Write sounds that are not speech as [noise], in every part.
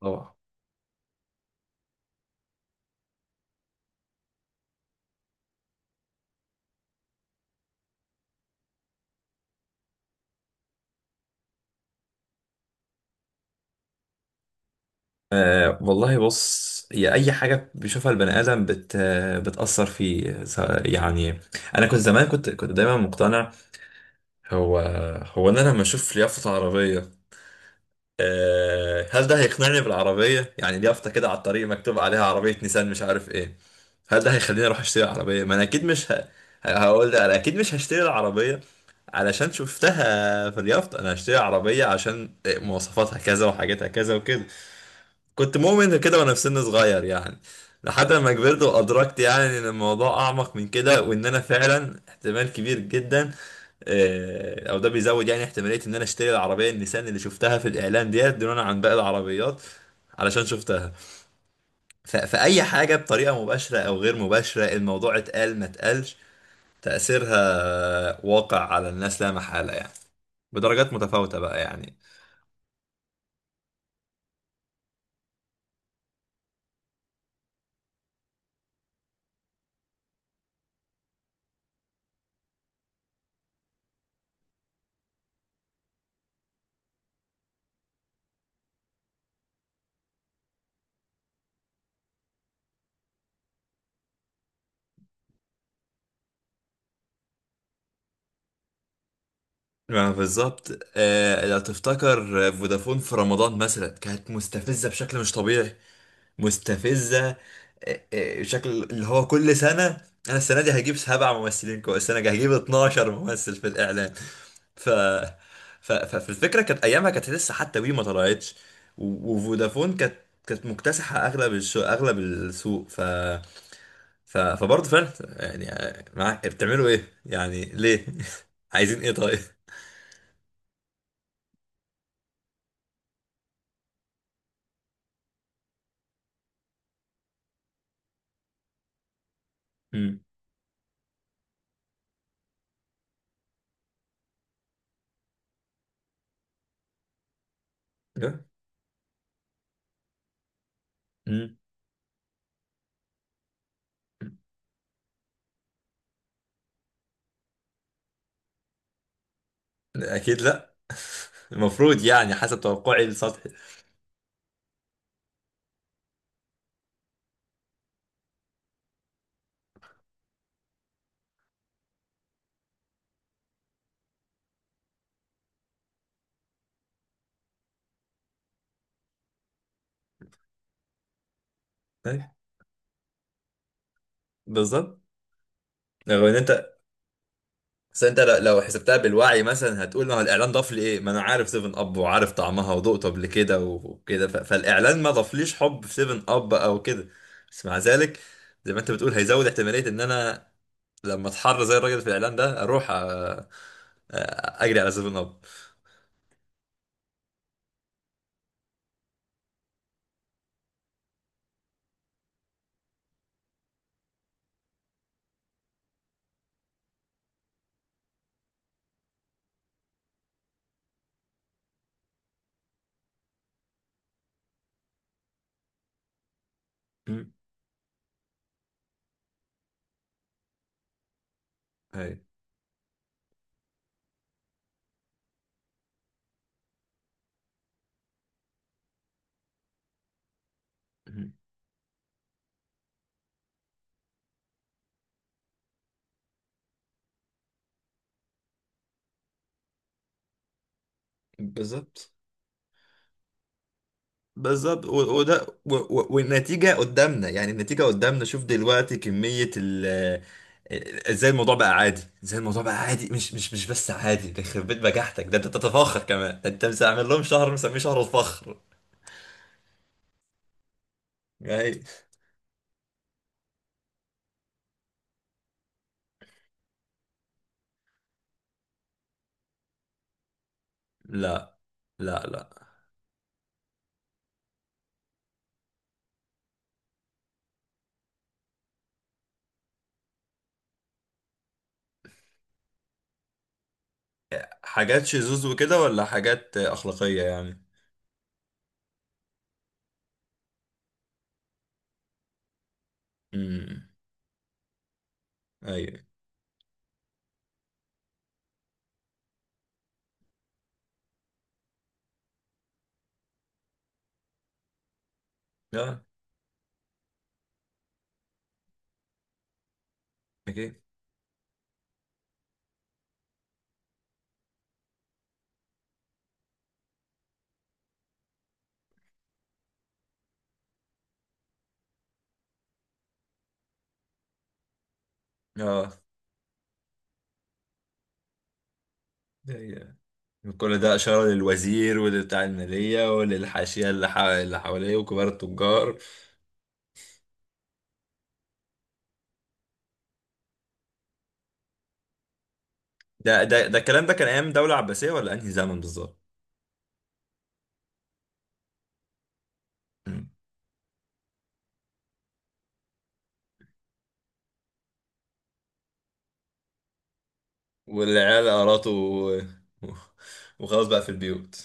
طبعا. والله بص هي أي حاجة بيشوفها البني آدم بتأثر يعني أنا كنت زمان كنت دايما مقتنع. هو هو أنا لما أشوف يافطة عربية، أه هل ده هيقنعني بالعربية؟ يعني اليافطة كده على الطريق مكتوب عليها عربية نيسان مش عارف إيه، هل ده هيخليني أروح أشتري عربية؟ ما أنا أكيد مش هقول ده. أنا أكيد مش هشتري العربية علشان شفتها في اليافطة. أنا هشتري عربية عشان مواصفاتها كذا وحاجاتها كذا وكده. كنت مؤمن كده وانا في سن صغير يعني، لحد ما كبرت وادركت يعني ان الموضوع اعمق من كده، وان انا فعلا احتمال كبير جدا او ده بيزود يعني احتماليه ان انا اشتري العربيه النيسان اللي شفتها في الاعلان ديت دونها عن باقي العربيات علشان شفتها. فاي حاجه بطريقه مباشره او غير مباشره، الموضوع اتقال ما اتقالش، تاثيرها واقع على الناس لا محاله يعني، بدرجات متفاوته بقى يعني. ما بالظبط، لو تفتكر فودافون في رمضان مثلا كانت مستفزة بشكل مش طبيعي، مستفزة، بشكل اللي هو كل سنة. أنا السنة دي هجيب سبع ممثلين كويس، السنة دي هجيب 12 ممثل في الإعلان. ف... فالفكرة كانت أيامها كانت لسه حتى وي ما طلعتش، وفودافون كانت كانت مكتسحة أغلب أغلب السوق. فبرضه فعلا يعني، معاك بتعملوا إيه؟ يعني ليه؟ [laughs] عايزين إيه طيب؟ لا. مم. اكيد لا. [laughs] المفروض يعني حسب توقعي السطحي. أي، بالظبط. لو ان انت، بس انت لو حسبتها بالوعي مثلا هتقول ما هو الاعلان ضاف لي ايه؟ ما انا عارف 7 اب وعارف طعمها وذقته قبل كده وكده. فالاعلان ما ضافليش حب في 7 اب او كده. بس مع ذلك زي ما انت بتقول هيزود احتماليه ان انا لما اتحر زي الراجل في الاعلان ده اروح اجري على 7 اب. مم. أي. مم. بالظبط. بالظبط وده، والنتيجة قدامنا يعني، النتيجة قدامنا. شوف دلوقتي كمية ازاي الموضوع بقى عادي، ازاي الموضوع بقى عادي، مش بس عادي، ده يخرب بيت بجاحتك، ده انت تتفاخر كمان، ده انت عامل لهم شهر مسميه شهر الفخر يعني. لا لا لا، حاجات شذوذ وكده ولا حاجات أخلاقية يعني؟ امم. ايوه. اه. اكيد. اه. أيوة. كل ده إشارة للوزير ولبتاع المالية وللحاشية اللي حواليه وكبار التجار. ده الكلام ده كان ايام دولة عباسية ولا انهي زمن بالظبط؟ مم. والعيال قراطه و- وخلاص بقى في البيوت.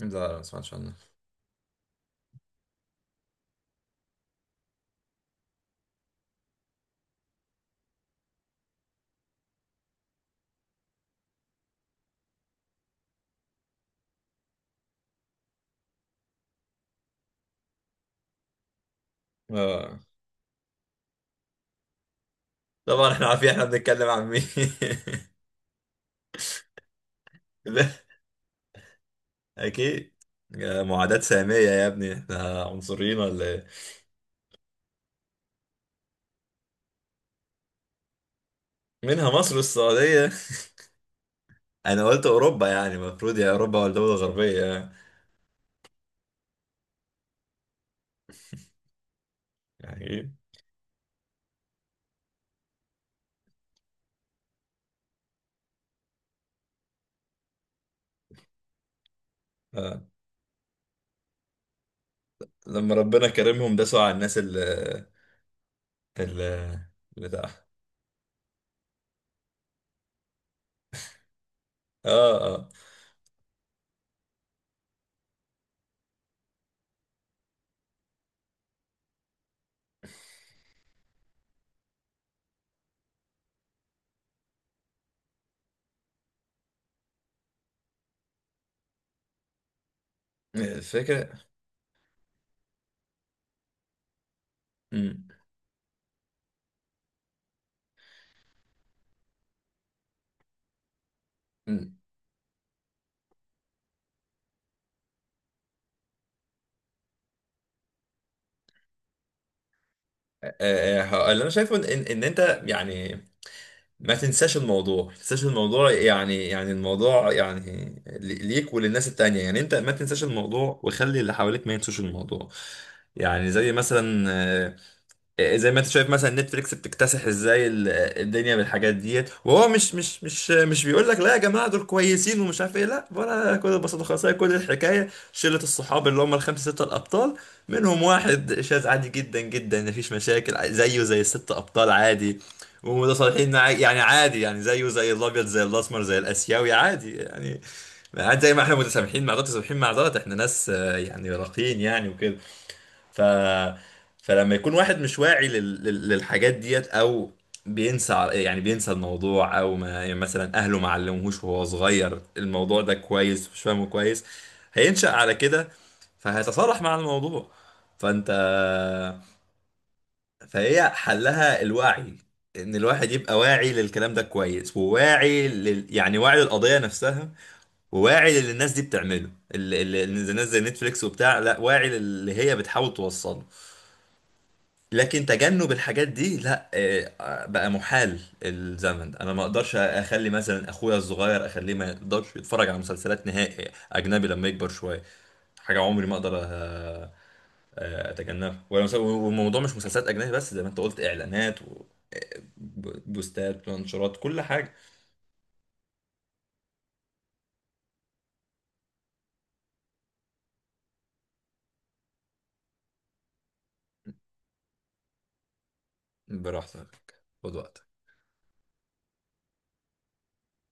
لا لا، ما سمعتش عنه. اه. طبعا احنا عارفين احنا بنتكلم عن مين. [laughs] لا، اكيد. يا معاداة سامية يا ابني، احنا عنصريين ولا ايه؟ منها مصر والسعودية. [laughs] انا قلت اوروبا يعني المفروض، يا اوروبا ولا دولة غربية يعني. يعني ايه؟ آه. لما ربنا كرمهم داسوا على الناس اللي اللي ده. اه اه. الفكرة. امم امم. اللي انا شايفه ان ان إن انت يعني ما تنساش الموضوع، ما تنساش الموضوع يعني، الموضوع يعني ليك وللناس التانية يعني. انت ما تنساش الموضوع وخلي اللي حواليك ما ينسوش الموضوع. يعني زي مثلا، زي ما انت شايف مثلا نتفليكس بتكتسح ازاي الدنيا بالحاجات ديت، وهو مش بيقول لك لا يا جماعه دول كويسين ومش عارف ايه، لا ولا، كل البساطه خالص، هي كل الحكايه شله الصحاب اللي هم الخمسه سته الابطال منهم واحد شاذ عادي جدا جدا مفيش مشاكل، زيه زي الست ابطال عادي، ومتصالحين يعني عادي يعني، زيه زي الابيض زي الاسمر زي الاسيوي عادي يعني. عادي زي ما احنا متسامحين مع ده متسامحين مع ده، احنا ناس يعني راقيين يعني وكده. ف فلما يكون واحد مش واعي للحاجات ديت، او بينسى، يعني بينسى الموضوع، او ما يعني مثلا اهله ما علموهوش وهو صغير الموضوع ده كويس، مش فاهمه كويس، هينشأ على كده، فهيتصارح مع الموضوع. فانت، فهي حلها الوعي، ان الواحد يبقى واعي للكلام ده كويس، وواعي يعني واعي للقضية نفسها، وواعي للي الناس دي بتعمله، الناس زي نتفليكس وبتاع، لا واعي للي هي بتحاول توصله. لكن تجنب الحاجات دي لا، بقى محال الزمن ده. انا ما اقدرش اخلي مثلا اخويا الصغير اخليه ما يقدرش يتفرج على مسلسلات نهائي اجنبي لما يكبر شويه. حاجه عمري ما اقدر اتجنبها ولا والموضوع مش مسلسلات اجنبي بس، زي ما انت قلت، اعلانات وبوستات وانشرات كل حاجه. براحتك. خد وقتك.